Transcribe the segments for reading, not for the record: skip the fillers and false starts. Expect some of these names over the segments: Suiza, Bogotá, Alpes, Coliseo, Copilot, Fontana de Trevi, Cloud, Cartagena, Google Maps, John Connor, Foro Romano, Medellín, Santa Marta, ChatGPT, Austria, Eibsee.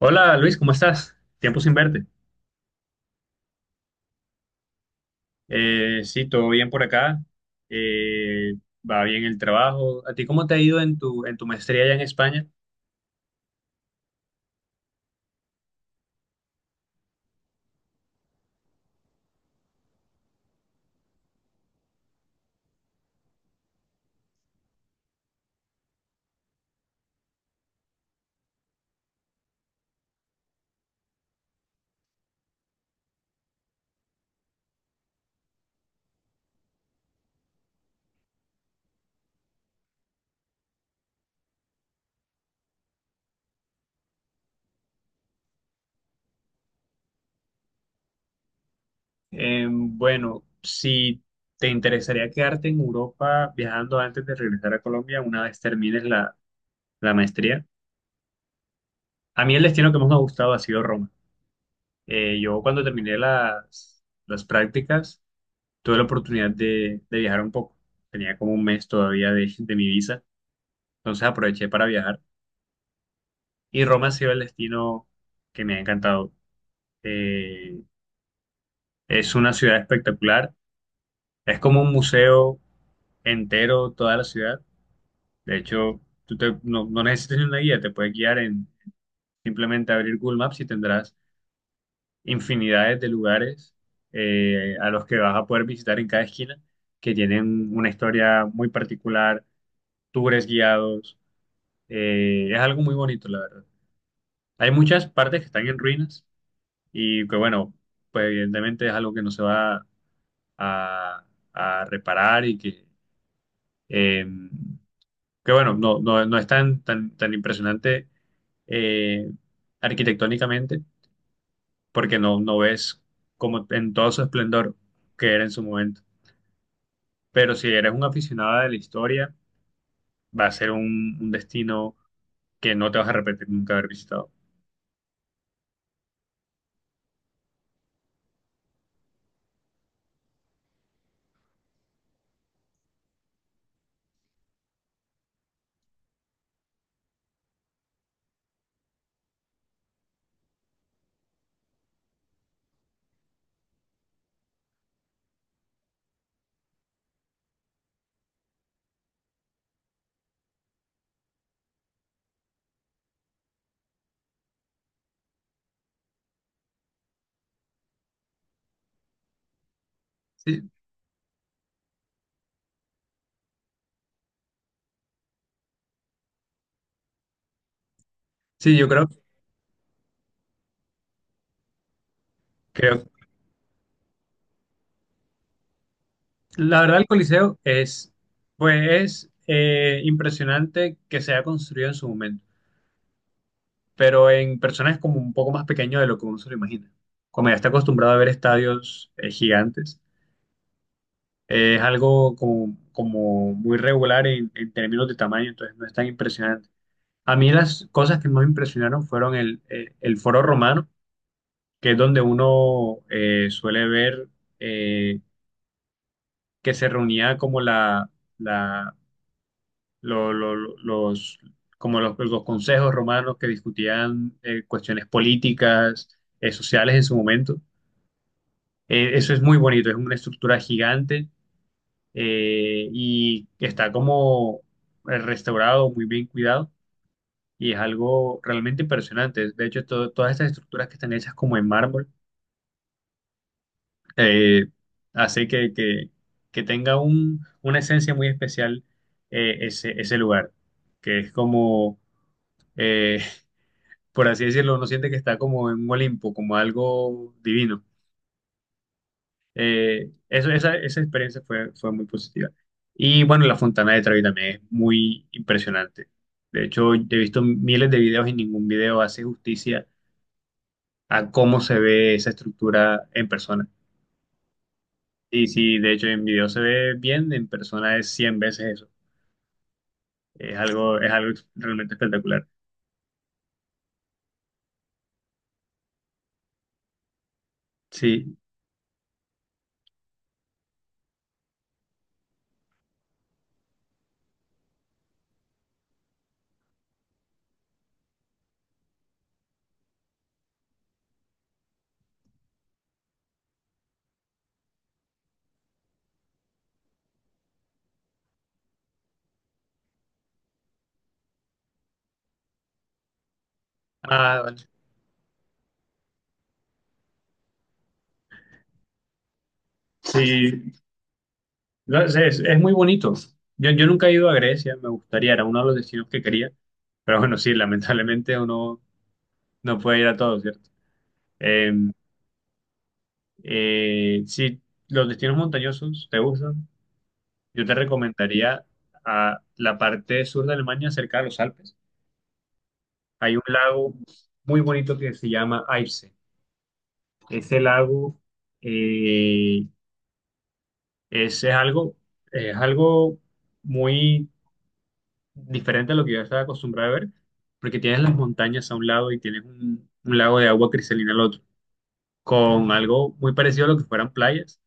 Hola Luis, ¿cómo estás? Tiempo sin verte. Sí, todo bien por acá. Eh, Va bien el trabajo. ¿A ti cómo te ha ido en tu maestría allá en España? Bueno, si te interesaría quedarte en Europa viajando antes de regresar a Colombia una vez termines la maestría. A mí el destino que más me ha gustado ha sido Roma. Yo cuando terminé las prácticas tuve la oportunidad de viajar un poco. Tenía como un mes todavía de mi visa, entonces aproveché para viajar. Y Roma ha sido el destino que me ha encantado. Eh, es una ciudad espectacular. Es como un museo entero, toda la ciudad. De hecho, tú te- no, no necesitas ni una guía, te puedes guiar en simplemente abrir Google Maps y tendrás infinidades de lugares a los que vas a poder visitar en cada esquina, que tienen una historia muy particular, tours guiados. Es algo muy bonito, la verdad. Hay muchas partes que están en ruinas y que bueno, pues evidentemente es algo que no se va a, a reparar y eh, que bueno, no es tan impresionante eh, arquitectónicamente porque no ves como en todo su esplendor que era en su momento. Pero si eres un aficionado de la historia, va a ser un destino que no te vas a arrepentir nunca haber visitado. Sí, sí, creo, la verdad, el Coliseo es, pues, es impresionante que se haya construido en su momento, pero en personas es como un poco más pequeño de lo que uno se lo imagina. Como ya está acostumbrado a ver estadios gigantes, es algo como, como muy regular en términos de tamaño, entonces no es tan impresionante. A mí las cosas que más me impresionaron fueron el Foro Romano, que es donde uno suele ver eh, que se reunía como la, lo- los, como los consejos romanos que discutían cuestiones políticas, sociales en su momento. Eso es muy bonito, es una estructura gigante y está como restaurado, muy bien cuidado y es algo realmente impresionante. De hecho, todas estas estructuras que están hechas como en mármol, eh, hace que tenga un, una esencia muy especial ese lugar, que es como... eh, por así decirlo, uno siente que está como en un Olimpo, como algo divino. Esa experiencia fue, fue muy positiva. Y bueno, la Fontana de Trevi también es muy impresionante. De hecho, he visto miles de videos y ningún video hace justicia a cómo se ve esa estructura en persona. Y sí, de hecho en video se ve bien, en persona es 100 veces eso. Es algo realmente espectacular. Sí. Ah, vale. Sí, no, es muy bonito. Yo nunca he ido a Grecia, me gustaría, era uno de los destinos que quería, pero bueno, sí, lamentablemente uno no puede ir a todos, ¿cierto? Eh, si los destinos montañosos te gustan, yo te recomendaría a la parte sur de Alemania, cerca de los Alpes. Hay un lago muy bonito que se llama Eibsee. Ese lago eh, es, es algo muy diferente a lo que yo estaba acostumbrado a ver, porque tienes las montañas a un lado y tienes un lago de agua cristalina al otro, con algo muy parecido a lo que fueran playas,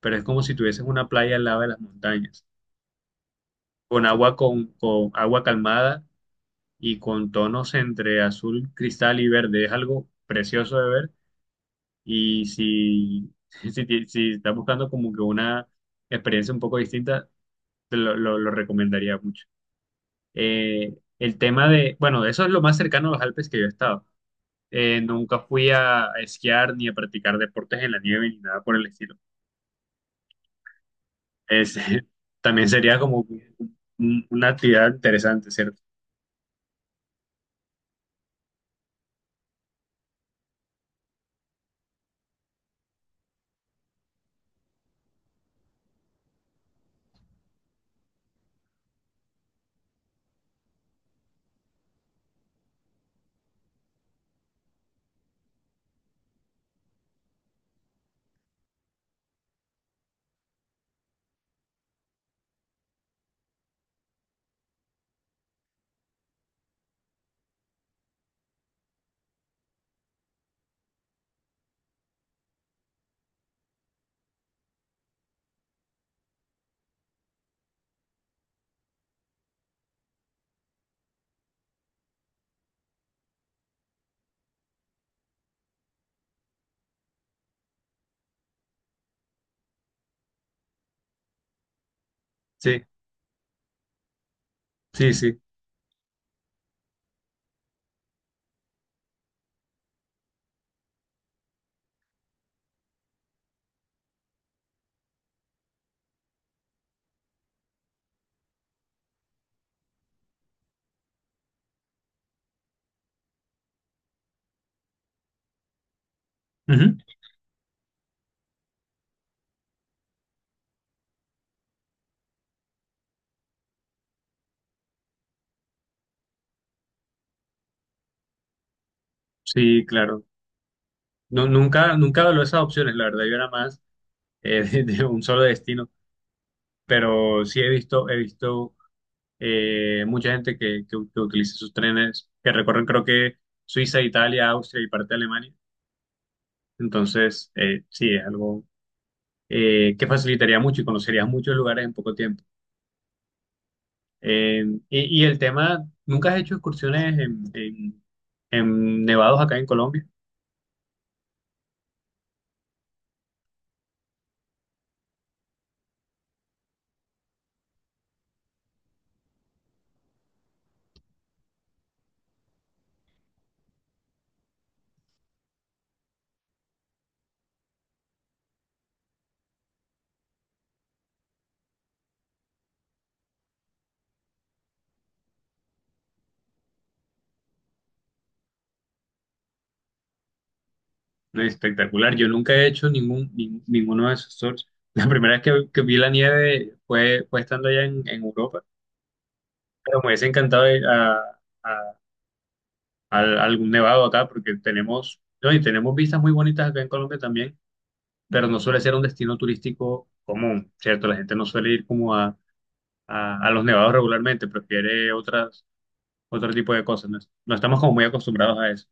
pero es como si tuvieses una playa al lado de las montañas, con con agua calmada y con tonos entre azul, cristal y verde. Es algo precioso de ver y si, si estás buscando como que una experiencia un poco distinta, lo recomendaría mucho. El tema de, bueno, eso es lo más cercano a los Alpes que yo he estado. Nunca fui a esquiar ni a practicar deportes en la nieve ni nada por el estilo. Es, también sería como una actividad interesante, ¿cierto? Sí, sí, sí. Ujú. Sí, claro. No, nunca, nunca valoré esas opciones, la verdad, yo era más de un solo destino, pero sí he visto mucha gente que utiliza sus trenes, que recorren creo que Suiza, Italia, Austria y parte de Alemania. Entonces, sí, es algo que facilitaría mucho y conocerías muchos lugares en poco tiempo. Y el tema, ¿nunca has hecho excursiones en, en nevados acá en Colombia? No, espectacular, yo nunca he hecho ninguno de esos tours. La primera vez que vi la nieve fue, fue estando allá en Europa, pero me hubiese encantado ir a- a algún nevado acá porque tenemos, no, y tenemos vistas muy bonitas acá en Colombia también, pero no suele ser un destino turístico común, ¿cierto? La gente no suele ir como a los nevados regularmente, prefiere otro tipo de cosas. No, no estamos como muy acostumbrados a eso.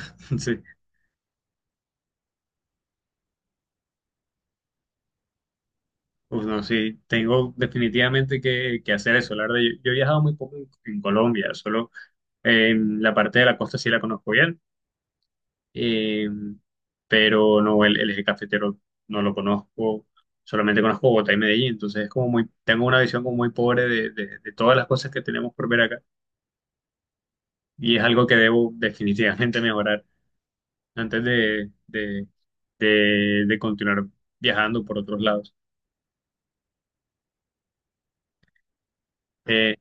Sí, uf, no, sí, tengo definitivamente que hacer eso. La verdad, yo he viajado muy poco en Colombia, solo en la parte de la costa sí la conozco bien, eh, pero no, el eje cafetero no lo conozco. Solamente conozco Bogotá y Medellín, entonces es como muy, tengo una visión como muy pobre de de todas las cosas que tenemos por ver acá y es algo que debo definitivamente mejorar antes de continuar viajando por otros lados. Eh,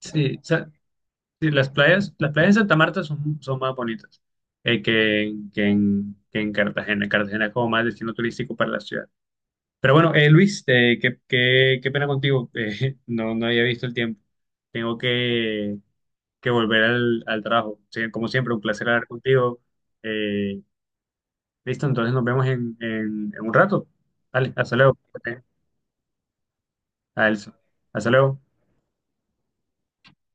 sí, o sea, sí, las playas de Santa Marta son, son más bonitas que en Cartagena. Cartagena es como más destino turístico para la ciudad. Pero bueno, Luis, qué pena contigo. No, no había visto el tiempo. Tengo que volver al trabajo. Sí, como siempre, un placer hablar contigo. Eh, Listo, entonces nos vemos en, en un rato. Vale, hasta luego. A Elsa. Hasta luego.